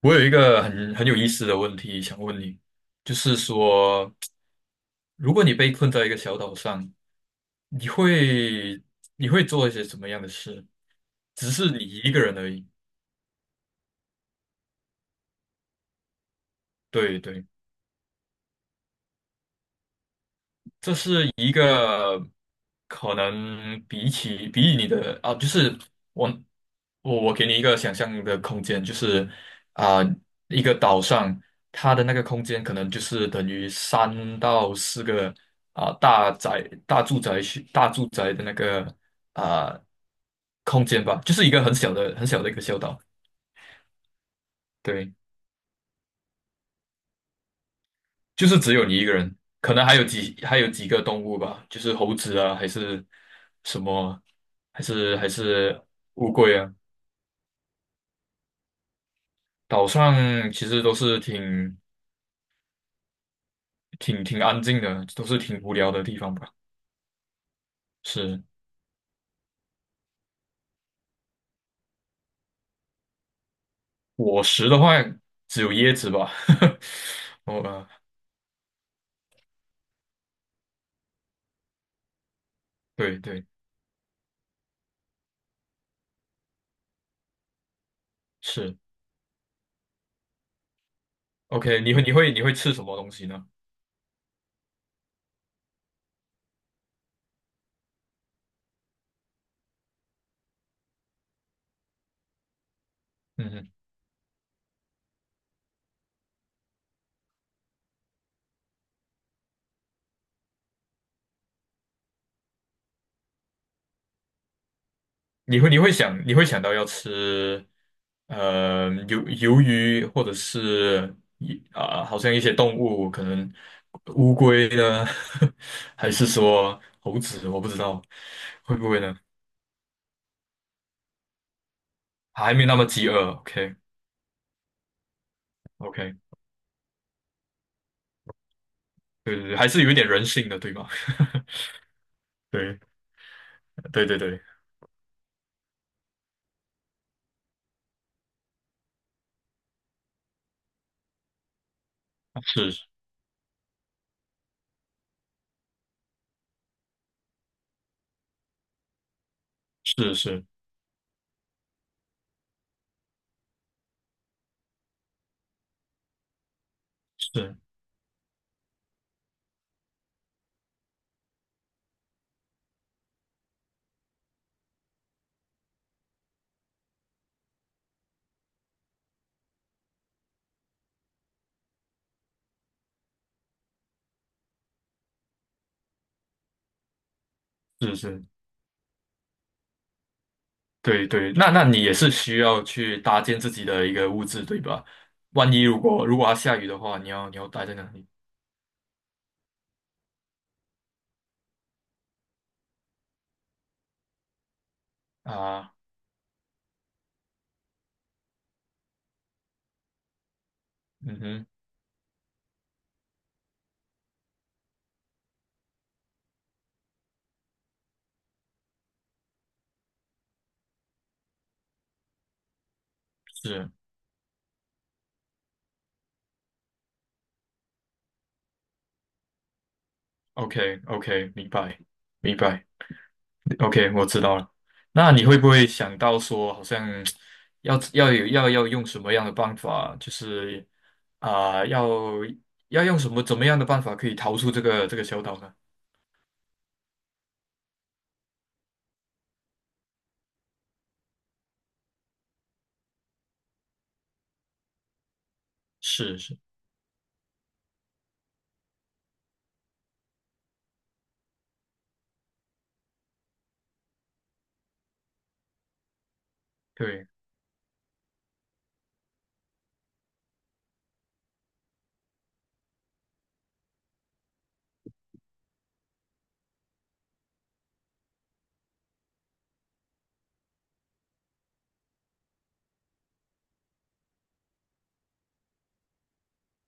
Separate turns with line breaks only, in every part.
我有一个很有意思的问题想问你，就是说，如果你被困在一个小岛上，你会你会做一些什么样的事？只是你一个人而已。对对。这是一个可能比起你的啊，就是我我给你一个想象的空间，就是啊、一个岛上它的那个空间可能就是等于三到四个啊、大宅大住宅区大住宅的那个啊、空间吧，就是一个很小的很小的一个小岛，对。就是只有你一个人，可能还有几个动物吧，就是猴子啊，还是什么，还是乌龟啊。岛上其实都是挺安静的，都是挺无聊的地方吧。是果实的话，只有椰子吧。哦，对对，是 OK。你会吃什么东西呢？嗯哼。你会想到要吃鱿鱼或者是啊、好像一些动物，可能乌龟呢，还是说猴子，我不知道会不会呢？还没那么饥饿，OK OK，对对对，还是有一点人性的，对吧？对对对对，是是是是是是。对对，那你也是需要去搭建自己的一个物质，对吧？万一如果要下雨的话，你要待在哪里啊？嗯哼，是，OK OK，明白明白，OK，我知道了。那你会不会想到说，好像要要有要要用什么样的办法，就是啊、要用什么怎么样的办法可以逃出这个小岛呢？是是，对。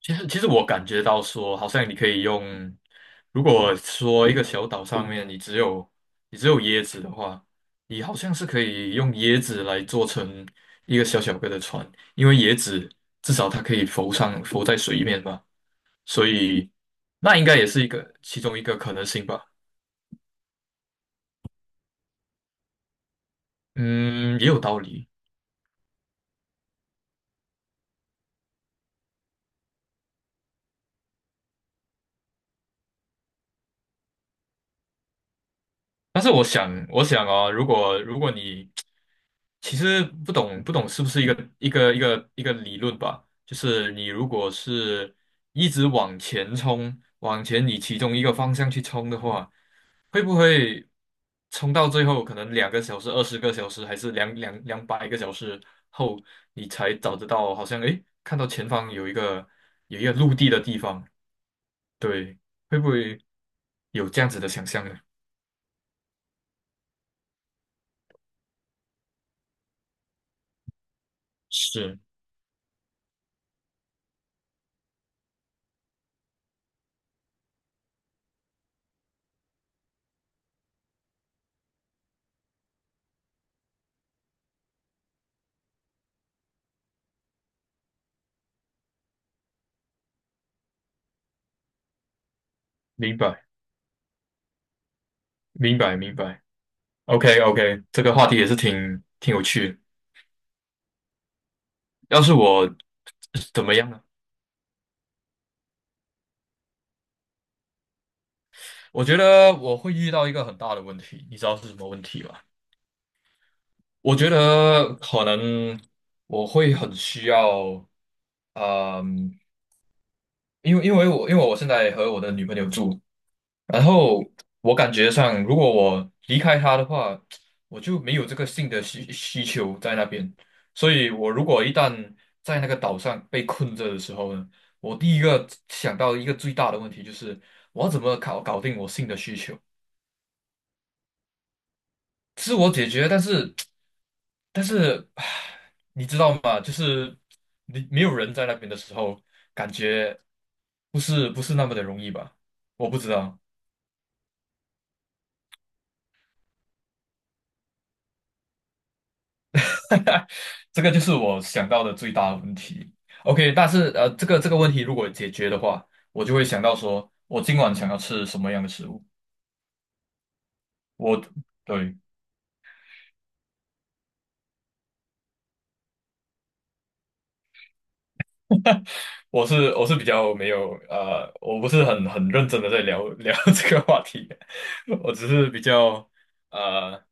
其实我感觉到说，好像你可以用，如果说一个小岛上面你只有椰子的话，你好像是可以用椰子来做成一个小小个的船，因为椰子至少它可以浮在水面嘛，所以那应该也是其中一个可能性吧。嗯，也有道理。但是我想啊、如果你其实不懂是不是一个理论吧？就是你如果是一直往前冲，往前你其中一个方向去冲的话，会不会冲到最后可能2个小时、20个小时，还是200个小时后，你才找得到？好像诶，看到前方有一个陆地的地方，对，会不会有这样子的想象呢？是，明白，明白，明白。OK OK，这个话题也是挺有趣的。要是我怎么样呢？我觉得我会遇到一个很大的问题，你知道是什么问题吗？我觉得可能我会很需要，嗯，因为我现在和我的女朋友住，然后我感觉上，如果我离开他的话，我就没有这个性的需求在那边。所以，我如果一旦在那个岛上被困着的时候呢，我第一个想到一个最大的问题就是，我要怎么搞定我性的需求？自我解决，但是，唉你知道吗？就是你没有人在那边的时候，感觉不是那么的容易吧？我不知道。这个就是我想到的最大的问题。OK，但是这个问题如果解决的话，我就会想到说，我今晚想要吃什么样的食物。我对我是比较没有我不是很认真的在聊聊 这个话题，我只是比较呃，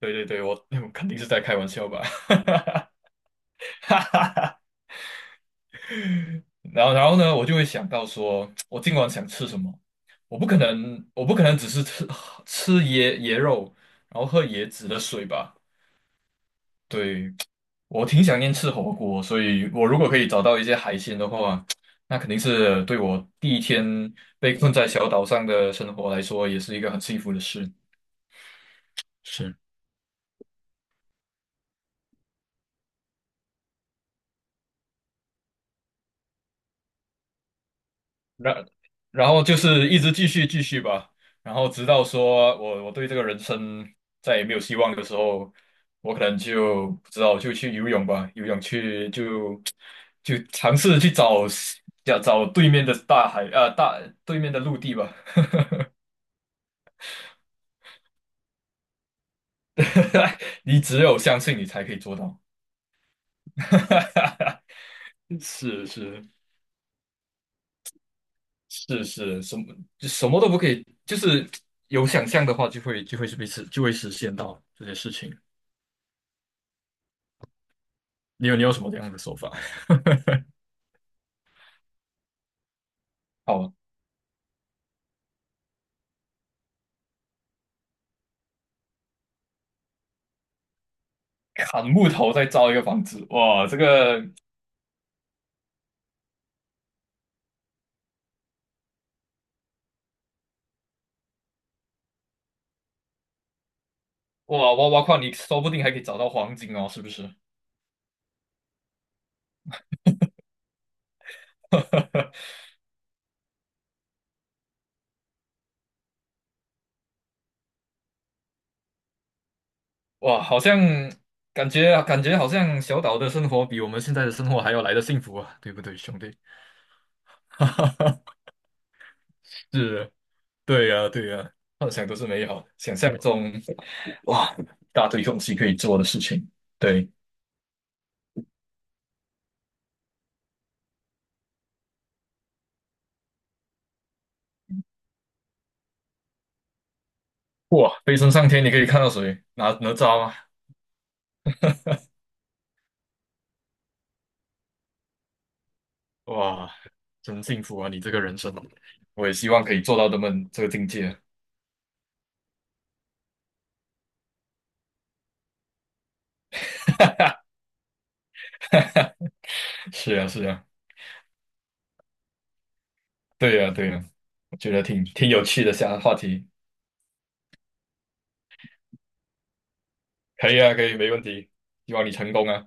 对对对，我肯定是在开玩笑吧。哈哈哈然后呢，我就会想到说，我今晚想吃什么？我不可能只是吃椰肉，然后喝椰子的水吧？对，我挺想念吃火锅，所以我如果可以找到一些海鲜的话，那肯定是对我第一天被困在小岛上的生活来说，也是一个很幸福的事。是。然然后就是一直继续继续吧，然后直到说我对这个人生再也没有希望的时候，我可能就不知道就去游泳吧，游泳去就尝试去找要找对面的大海啊、大对面的陆地吧，你只有相信你才可以做到，是是是是，什么就什么都不可以，就是有想象的话就会实现到这些事情。你有什么这样的说法？好，砍木头再造一个房子，哇，这个哇挖挖矿，你说不定还可以找到黄金哦，是不是？哇，好像感觉好像小岛的生活比我们现在的生活还要来的幸福啊，对不对，兄弟？是，对呀，对呀，幻想都是美好的，想象中哇，一大堆东西可以做的事情，对，哇，飞升上天，你可以看到谁？哪吒吗？哇，真幸福啊！你这个人生，我也希望可以做到他们这个境界。是啊，是啊，对呀，对呀，我觉得挺有趣的，下话题，可以啊，可以，没问题，希望你成功啊。